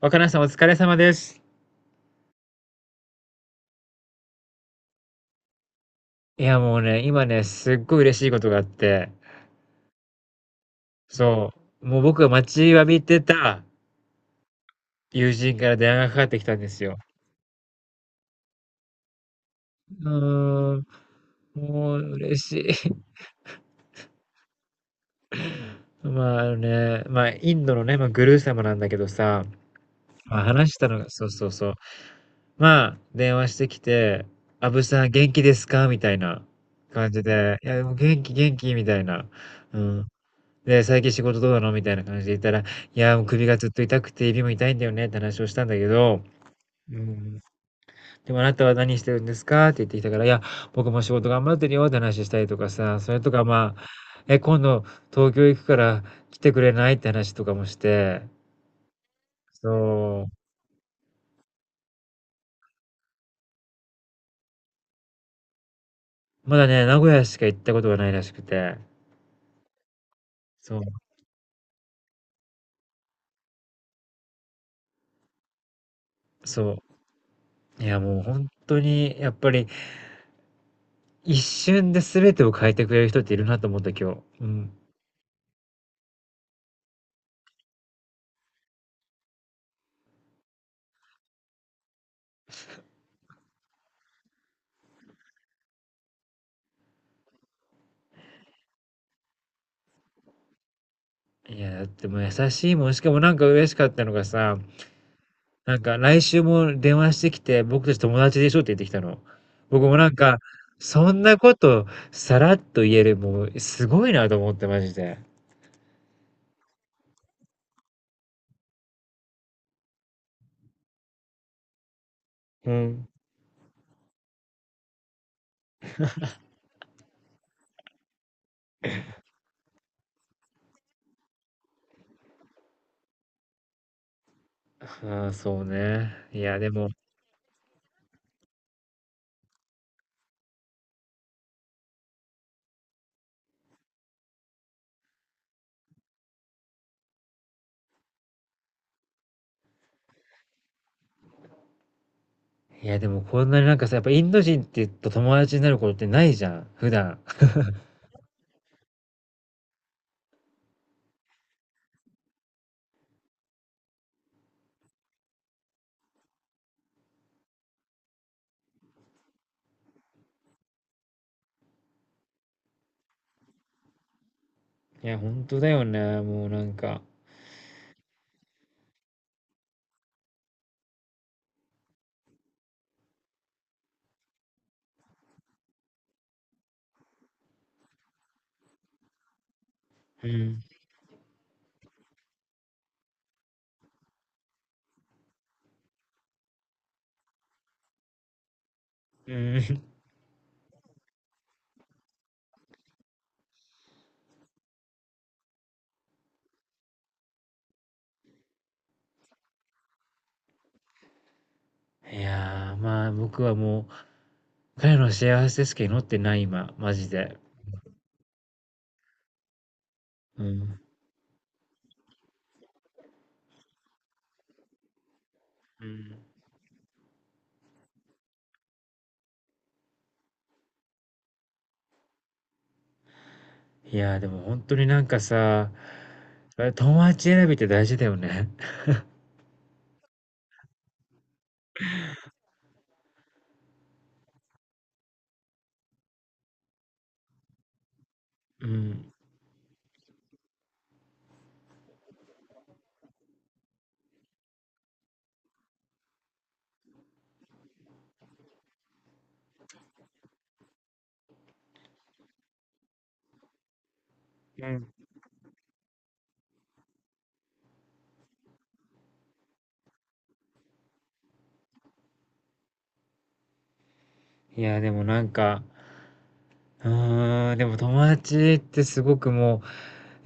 若菜さんお疲れ様です。いやもうね、今ね、すっごい嬉しいことがあって、そう、もう僕が待ちわびてた友人から電話がかかってきたんですよ。うーん、もう嬉しい。まあ、インドのね、グルー様なんだけどさ、まあ、話したのが、そうそうそう。まあ、電話してきて、アブさん元気ですかみたいな感じで、いや、もう元気元気みたいな。うん。で、最近仕事どうなのみたいな感じで言ったら、いや、もう首がずっと痛くて指も痛いんだよねって話をしたんだけど、うん、でもあなたは何してるんですかって言ってきたから、いや、僕も仕事頑張ってるよって話したりとかさ、それとかまあ、え、今度東京行くから来てくれないって話とかもして、そう、まだね、名古屋しか行ったことがないらしくて、そう、そう、いや、もう本当にやっぱり一瞬で全てを変えてくれる人っているなと思った今日。うん。いや、だってもう優しいもん、しかもなんか嬉しかったのがさ、なんか「来週も電話してきて、僕たち友達でしょ」って言ってきたの。僕もなんか、そんなことさらっと言える、もうすごいなと思って、マジで。うん。ああ、そうね。いや、でもこんなになんかさ、やっぱインド人ってと友達になることってないじゃん、普段。いや、ほんとだよね、もうなんか。うん。うん。いやー、まあ、僕は彼の幸せですけど祈ってない、今、マジで。うん。うん。いやー、でも本当になんかさ、友達選びって大事だよね。うん。うん。いやー、でもなんか、うーん、でも友達ってすごくも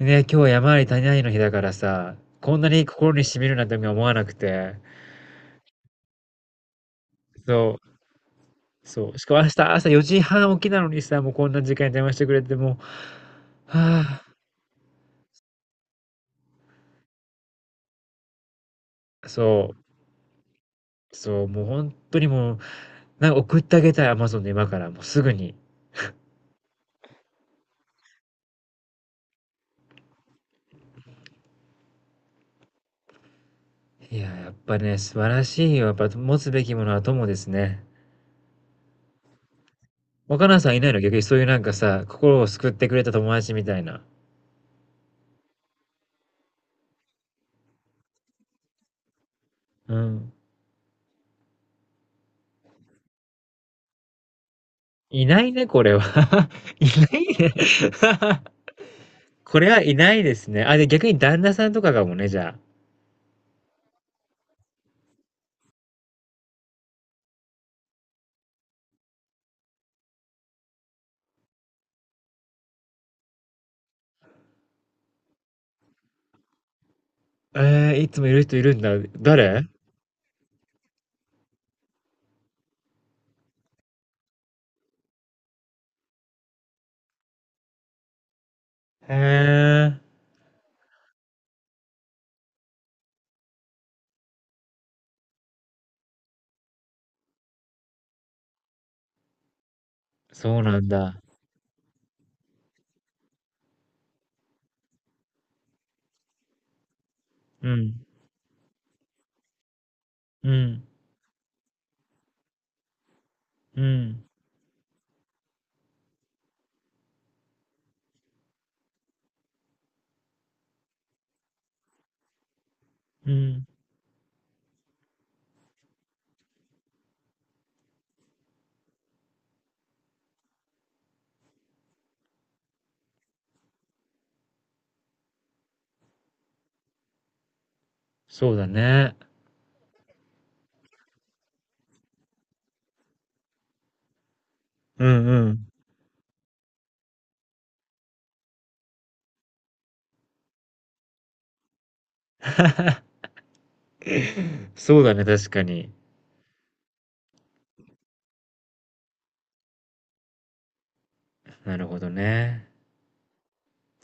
う、ね、今日山あり谷ありの日だからさ、こんなに心に染みるなんて思わなくて。そう、そう。しかも明日朝4時半起きなのにさ、もうこんな時間に電話してくれてもう、はあ。そもう本当にもう、なんか送ってあげたい、アマゾンで今から、もうすぐに。いや、やっぱね、素晴らしいよ。やっぱ持つべきものは友ですね。若菜さんいないの？逆にそういうなんかさ、心を救ってくれた友達みたいな。うん。いないね、これは。いないね。これはいないですね。あ、で、逆に旦那さんとかかもね、じゃあ。えーいつもいる人いるんだ。誰？へえ、そうなんだ。うん、うん、うん、うん、そうだね。うんうん。そうだね、確かに。なるほどね。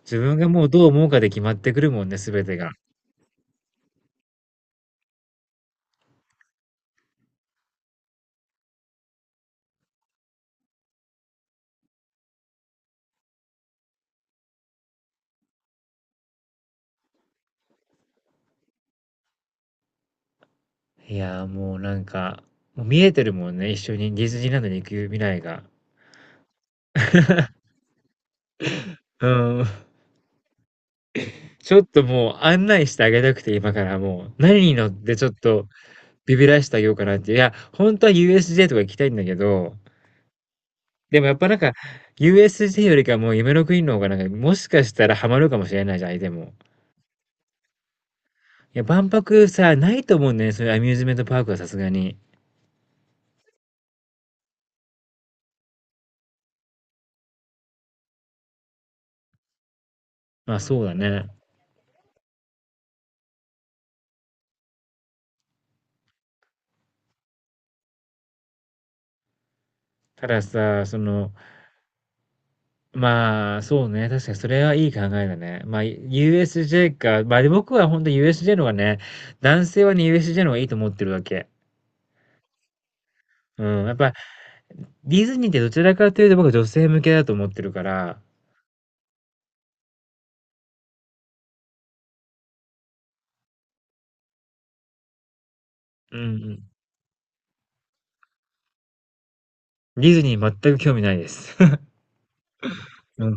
自分がもうどう思うかで決まってくるもんね、すべてが。いやー、もうなんか、もう見えてるもんね、一緒にディズニーランドに行く未来が。うーん。ちょっともう案内してあげたくて、今からもう、何に乗ってちょっとビビらしてあげようかなっていや、本当は USJ とか行きたいんだけど、でもやっぱなんか、USJ よりかもう夢の国の方がなんか、もしかしたらハマるかもしれないじゃん、相手も。いや、万博さ、ないと思うんだよね、そういうアミューズメントパークはさすがに。まあ、そうだね。たださ、その、まあ、そうね。確かにそれはいい考えだね。まあ、USJ か。まあ、で僕は本当 USJ の方がね、男性はね、USJ の方がいいと思ってるわけ。うん。やっぱ、ディズニーってどちらかというと僕は女性向けだと思ってるから、うんうん。ディズニー全く興味ないです。うん。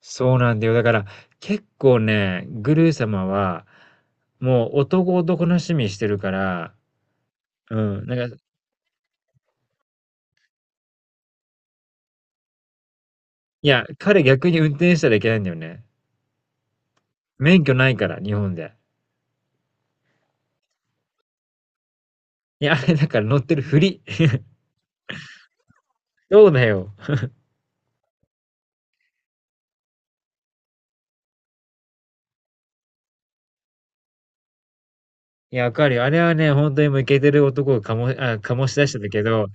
そうなんだよ。だから、結構ね、グルー様は、もう男男の趣味してるから、うん。なんか、いや、彼逆に運転したらいけないんだよね。免許ないから、日本で。いや、あれだから乗ってるふり。そうだよ。いや、わかるよ。あれはね、本当にもうイケてる男をかも、あ、醸し出してたけど、だ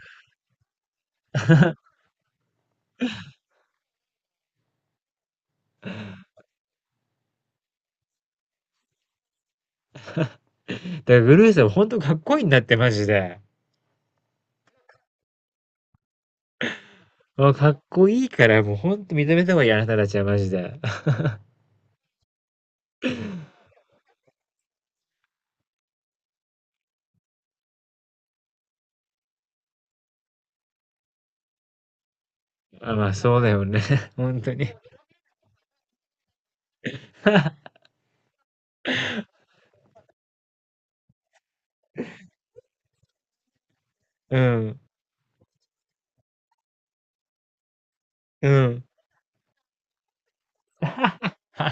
からグルーさん本当かっこいいんだって、マジで。もうかっこいいから、もう本当認めた方がいい、あなたたちはマジで。あ、まあそうだよね。本当に。うん。うん。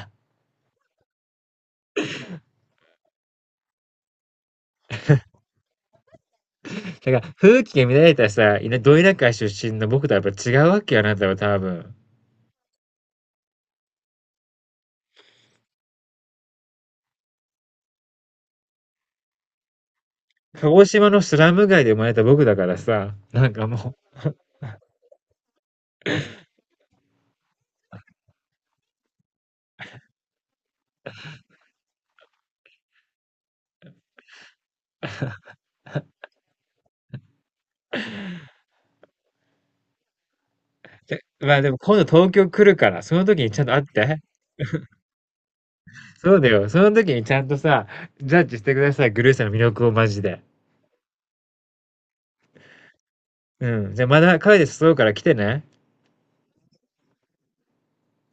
だから、風紀が乱れたさ、いなど田出身の僕とはやっぱ違うわけよ、あなたは多分。鹿児島のスラム街で生まれた僕だからさ、なんかもう、えまあでも今度東京来るから、その時にちゃんと会って。そうだよ。その時にちゃんとさ、ジャッジしてください。グルーさんの魅力をマジで。うん。じゃあまだカフェで誘うから来てね。